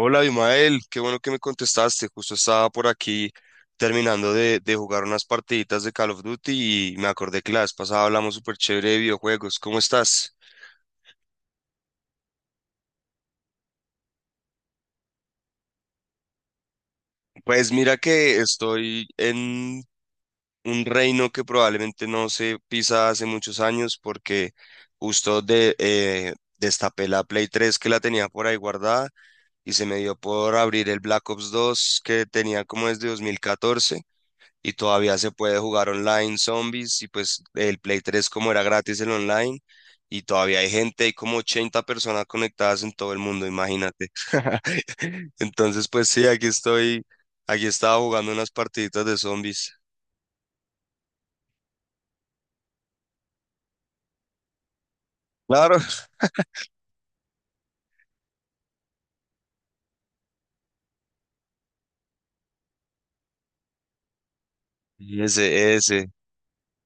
Hola, Abimael, qué bueno que me contestaste. Justo estaba por aquí terminando de jugar unas partiditas de Call of Duty y me acordé que la vez pasada hablamos súper chévere de videojuegos. ¿Cómo estás? Pues mira que estoy en un reino que probablemente no se pisa hace muchos años porque justo destapé la Play 3 que la tenía por ahí guardada y se me dio por abrir el Black Ops 2 que tenía como desde 2014 y todavía se puede jugar online Zombies y pues el Play 3 como era gratis el online y todavía hay gente, hay como 80 personas conectadas en todo el mundo, imagínate. Entonces pues sí, aquí estaba jugando unas partiditas de Zombies. Claro. Y ese, ese.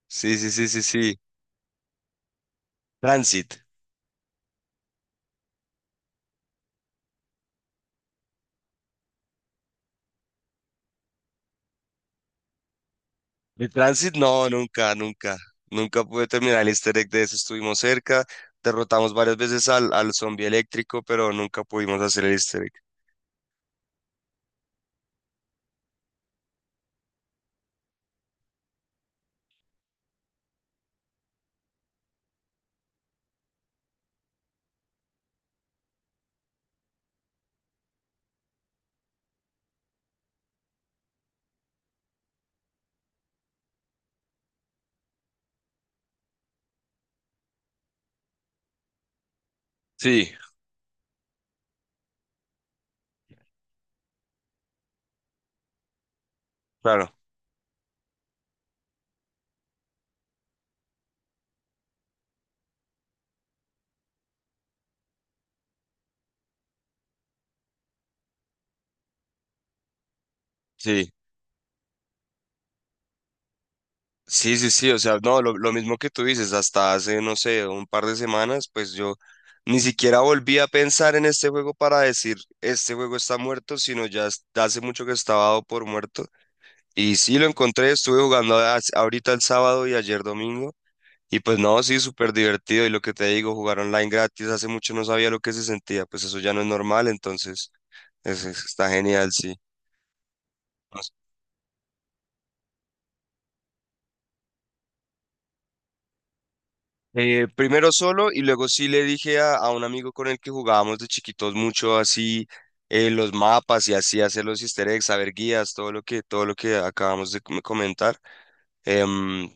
Sí, sí, sí, sí, sí. Transit. El Transit no, nunca, nunca. Nunca pude terminar el easter egg de ese, estuvimos cerca. Derrotamos varias veces al zombie eléctrico, pero nunca pudimos hacer el easter egg. Sí, claro. Sí, sí, sí, sí, o sea, no, lo mismo que tú dices, hasta hace, no sé, un par de semanas, pues yo ni siquiera volví a pensar en este juego para decir, este juego está muerto, sino hace mucho que estaba dado por muerto. Y sí, lo encontré, estuve jugando ahorita el sábado y ayer domingo, y pues no, sí, súper divertido, y lo que te digo, jugar online gratis, hace mucho no sabía lo que se sentía, pues eso ya no es normal, entonces, está genial, sí. Primero solo y luego sí le dije a un amigo con el que jugábamos de chiquitos mucho así los mapas y así hacer los easter eggs, saber guías, todo lo que acabamos de comentar. Em,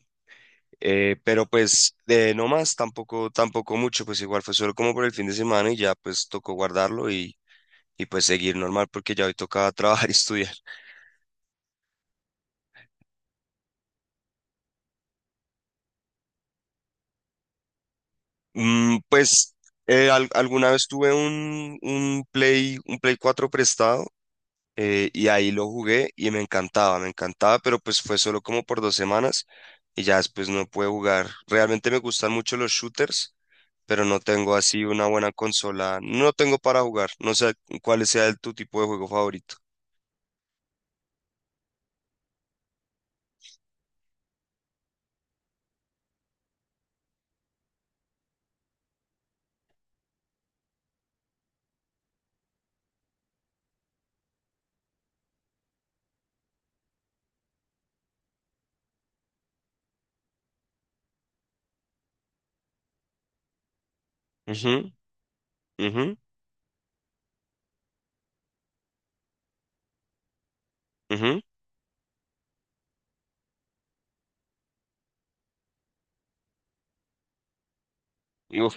pero pues no más, tampoco mucho, pues igual fue solo como por el fin de semana y ya pues tocó guardarlo y pues seguir normal porque ya hoy toca trabajar y estudiar. Pues alguna vez tuve un Play 4 prestado, y ahí lo jugué y me encantaba, pero pues fue solo como por 2 semanas y ya después no pude jugar. Realmente me gustan mucho los shooters, pero no tengo así una buena consola, no tengo para jugar, no sé tu tipo de juego favorito. Ujú, ujú, ujú. Y uf,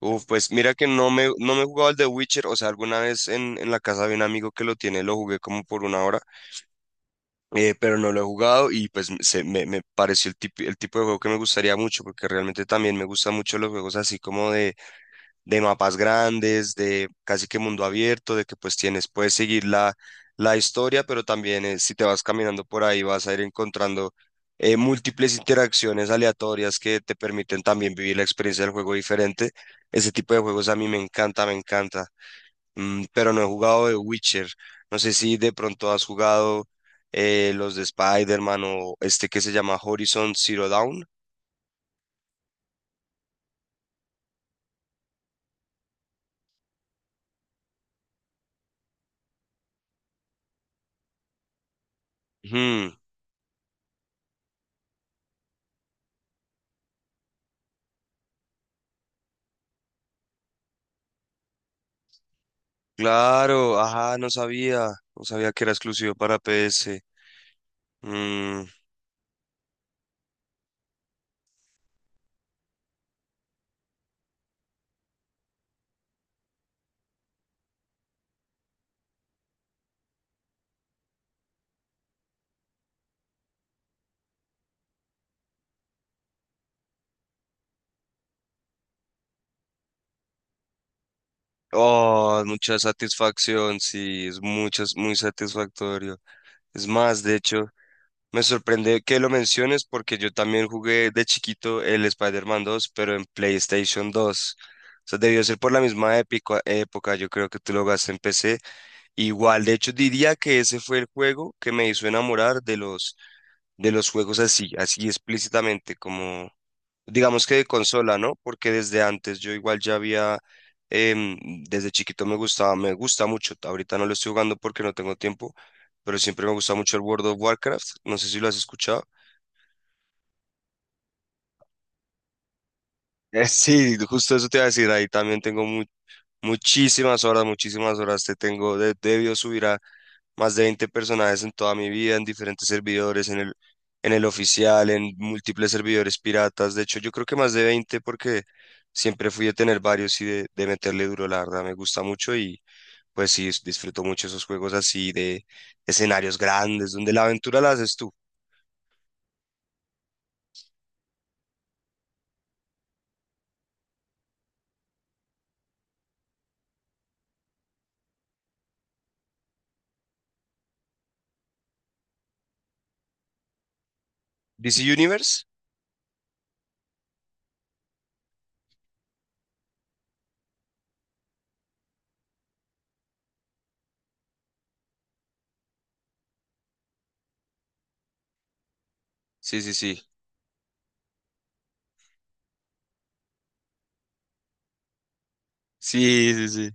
uf, pues mira que no me he jugado el de Witcher, o sea, alguna vez en la casa de un amigo que lo tiene, lo jugué como por 1 hora, pero no lo he jugado y pues me pareció el tipo de juego que me gustaría mucho, porque realmente también me gustan mucho los juegos así como de mapas grandes, de casi que mundo abierto, de que pues puedes seguir la historia, pero también si te vas caminando por ahí vas a ir encontrando múltiples interacciones aleatorias que te permiten también vivir la experiencia del juego diferente. Ese tipo de juegos a mí me encanta, me encanta. Pero no he jugado de Witcher. No sé si de pronto has jugado los de Spider-Man o este que se llama Horizon Zero Dawn. Ujú, claro, ajá, no sabía. No sabía que era exclusivo para PS. Mm, oh, mucha satisfacción, sí, es muy satisfactorio. Es más, de hecho. Me sorprende que lo menciones porque yo también jugué de chiquito el Spider-Man 2, pero en PlayStation 2. O sea, debió ser por la misma época, yo creo que tú lo jugaste en PC. Igual, de hecho, diría que ese fue el juego que me hizo enamorar de los juegos así explícitamente, como digamos que de consola, ¿no? Porque desde antes yo igual ya em, desde chiquito me gusta mucho. Ahorita no lo estoy jugando porque no tengo tiempo, pero siempre me gusta mucho el World of Warcraft. No sé si lo has escuchado. Sí, justo eso te iba a decir, ahí también tengo muchísimas horas, te tengo, de debido subir a más de 20 personajes en toda mi vida, en diferentes servidores, en el oficial, en múltiples servidores piratas, de hecho yo creo que más de 20 porque siempre fui a tener varios y de meterle duro, la verdad, me gusta mucho y pues sí, disfruto mucho esos juegos así de escenarios grandes, donde la aventura la haces tú. ¿DC Universe? Sí, sí, sí, sí, sí, sí,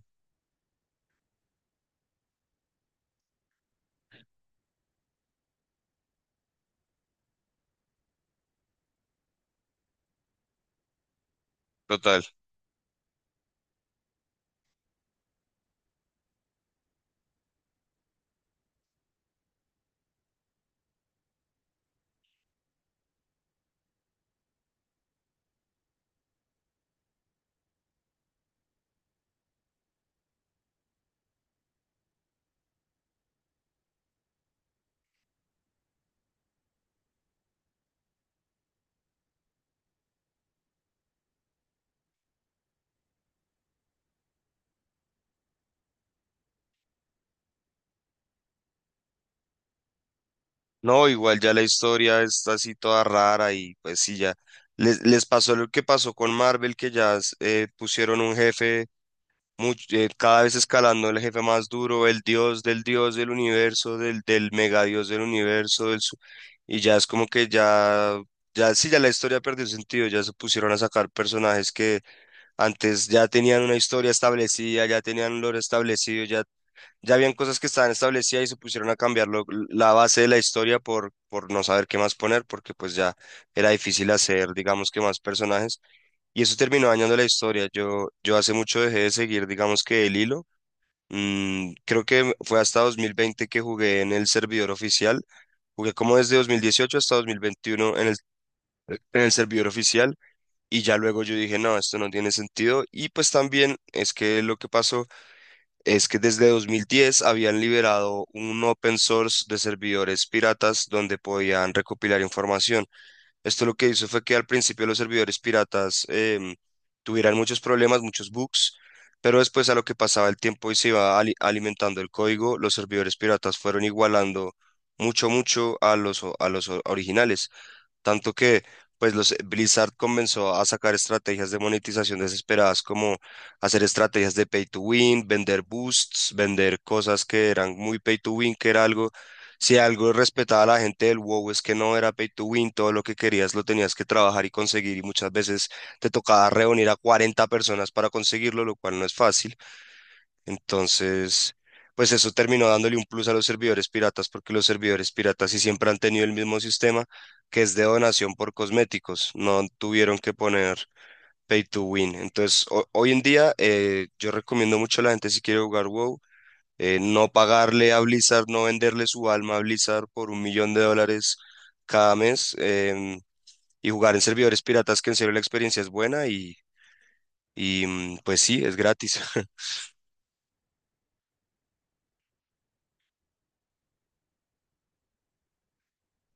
total. No, igual ya la historia está así toda rara y pues sí, ya les pasó lo que pasó con Marvel, que pusieron un jefe cada vez escalando el jefe más duro, el dios del universo, del mega dios del universo, y ya es como que ya, ya sí, ya la historia perdió sentido, ya se pusieron a sacar personajes que antes ya tenían una historia establecida, ya tenían un lore establecido, ya habían cosas que estaban establecidas y se pusieron a cambiar la base de la historia por no saber qué más poner, porque pues ya era difícil hacer, digamos que más personajes, y eso terminó dañando la historia. Yo hace mucho dejé de seguir, digamos que el hilo. Creo que fue hasta 2020 que jugué en el servidor oficial. Jugué como desde 2018 hasta 2021 en el servidor oficial y ya luego yo dije, no, esto no tiene sentido. Y pues también es que lo que pasó es que desde 2010 habían liberado un open source de servidores piratas donde podían recopilar información. Esto lo que hizo fue que al principio los servidores piratas tuvieran muchos problemas, muchos bugs, pero después a lo que pasaba el tiempo y se iba alimentando el código, los servidores piratas fueron igualando mucho, mucho a los originales. Tanto que pues los Blizzard comenzó a sacar estrategias de monetización desesperadas como hacer estrategias de pay to win, vender boosts, vender cosas que eran muy pay to win, si algo respetaba a la gente del WoW es que no era pay to win, todo lo que querías lo tenías que trabajar y conseguir y muchas veces te tocaba reunir a 40 personas para conseguirlo, lo cual no es fácil. Entonces, pues eso terminó dándole un plus a los servidores piratas porque los servidores piratas sí siempre han tenido el mismo sistema que es de donación por cosméticos, no tuvieron que poner pay to win. Entonces, hoy en día yo recomiendo mucho a la gente si quiere jugar WoW, no pagarle a Blizzard, no venderle su alma a Blizzard por 1 millón de dólares cada mes, y jugar en servidores piratas que en serio la experiencia es buena y pues sí, es gratis.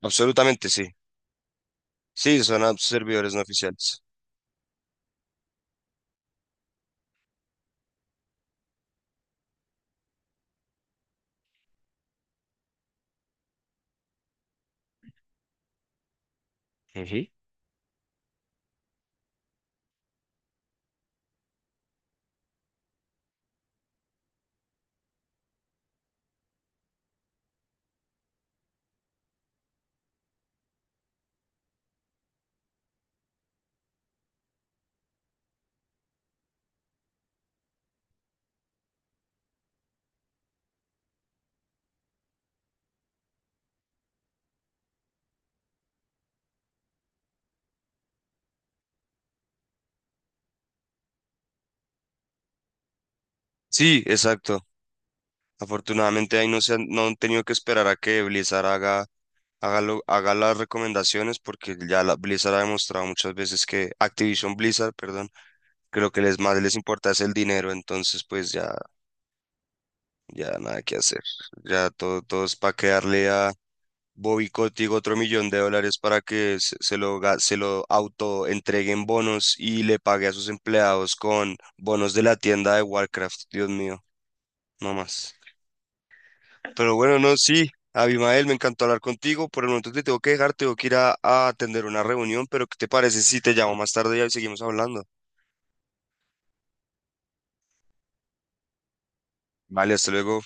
Absolutamente sí. Sí, son apps servidores no oficiales. Ujú. Sí, exacto. Afortunadamente ahí no han tenido que esperar a que Blizzard haga las recomendaciones porque ya Blizzard ha demostrado muchas veces que Activision Blizzard, perdón, que lo que les más les importa es el dinero, entonces pues ya nada que hacer. Ya todo es para quedarle Bobby Kotick otro 1 millón de dólares para que se lo auto entreguen bonos y le pague a sus empleados con bonos de la tienda de Warcraft. Dios mío, no más. Pero bueno, no, sí. Abimael, me encantó hablar contigo. Por el momento te tengo que dejar, tengo que ir a atender una reunión, pero ¿qué te parece si te llamo más tarde y seguimos hablando? Vale, hasta luego.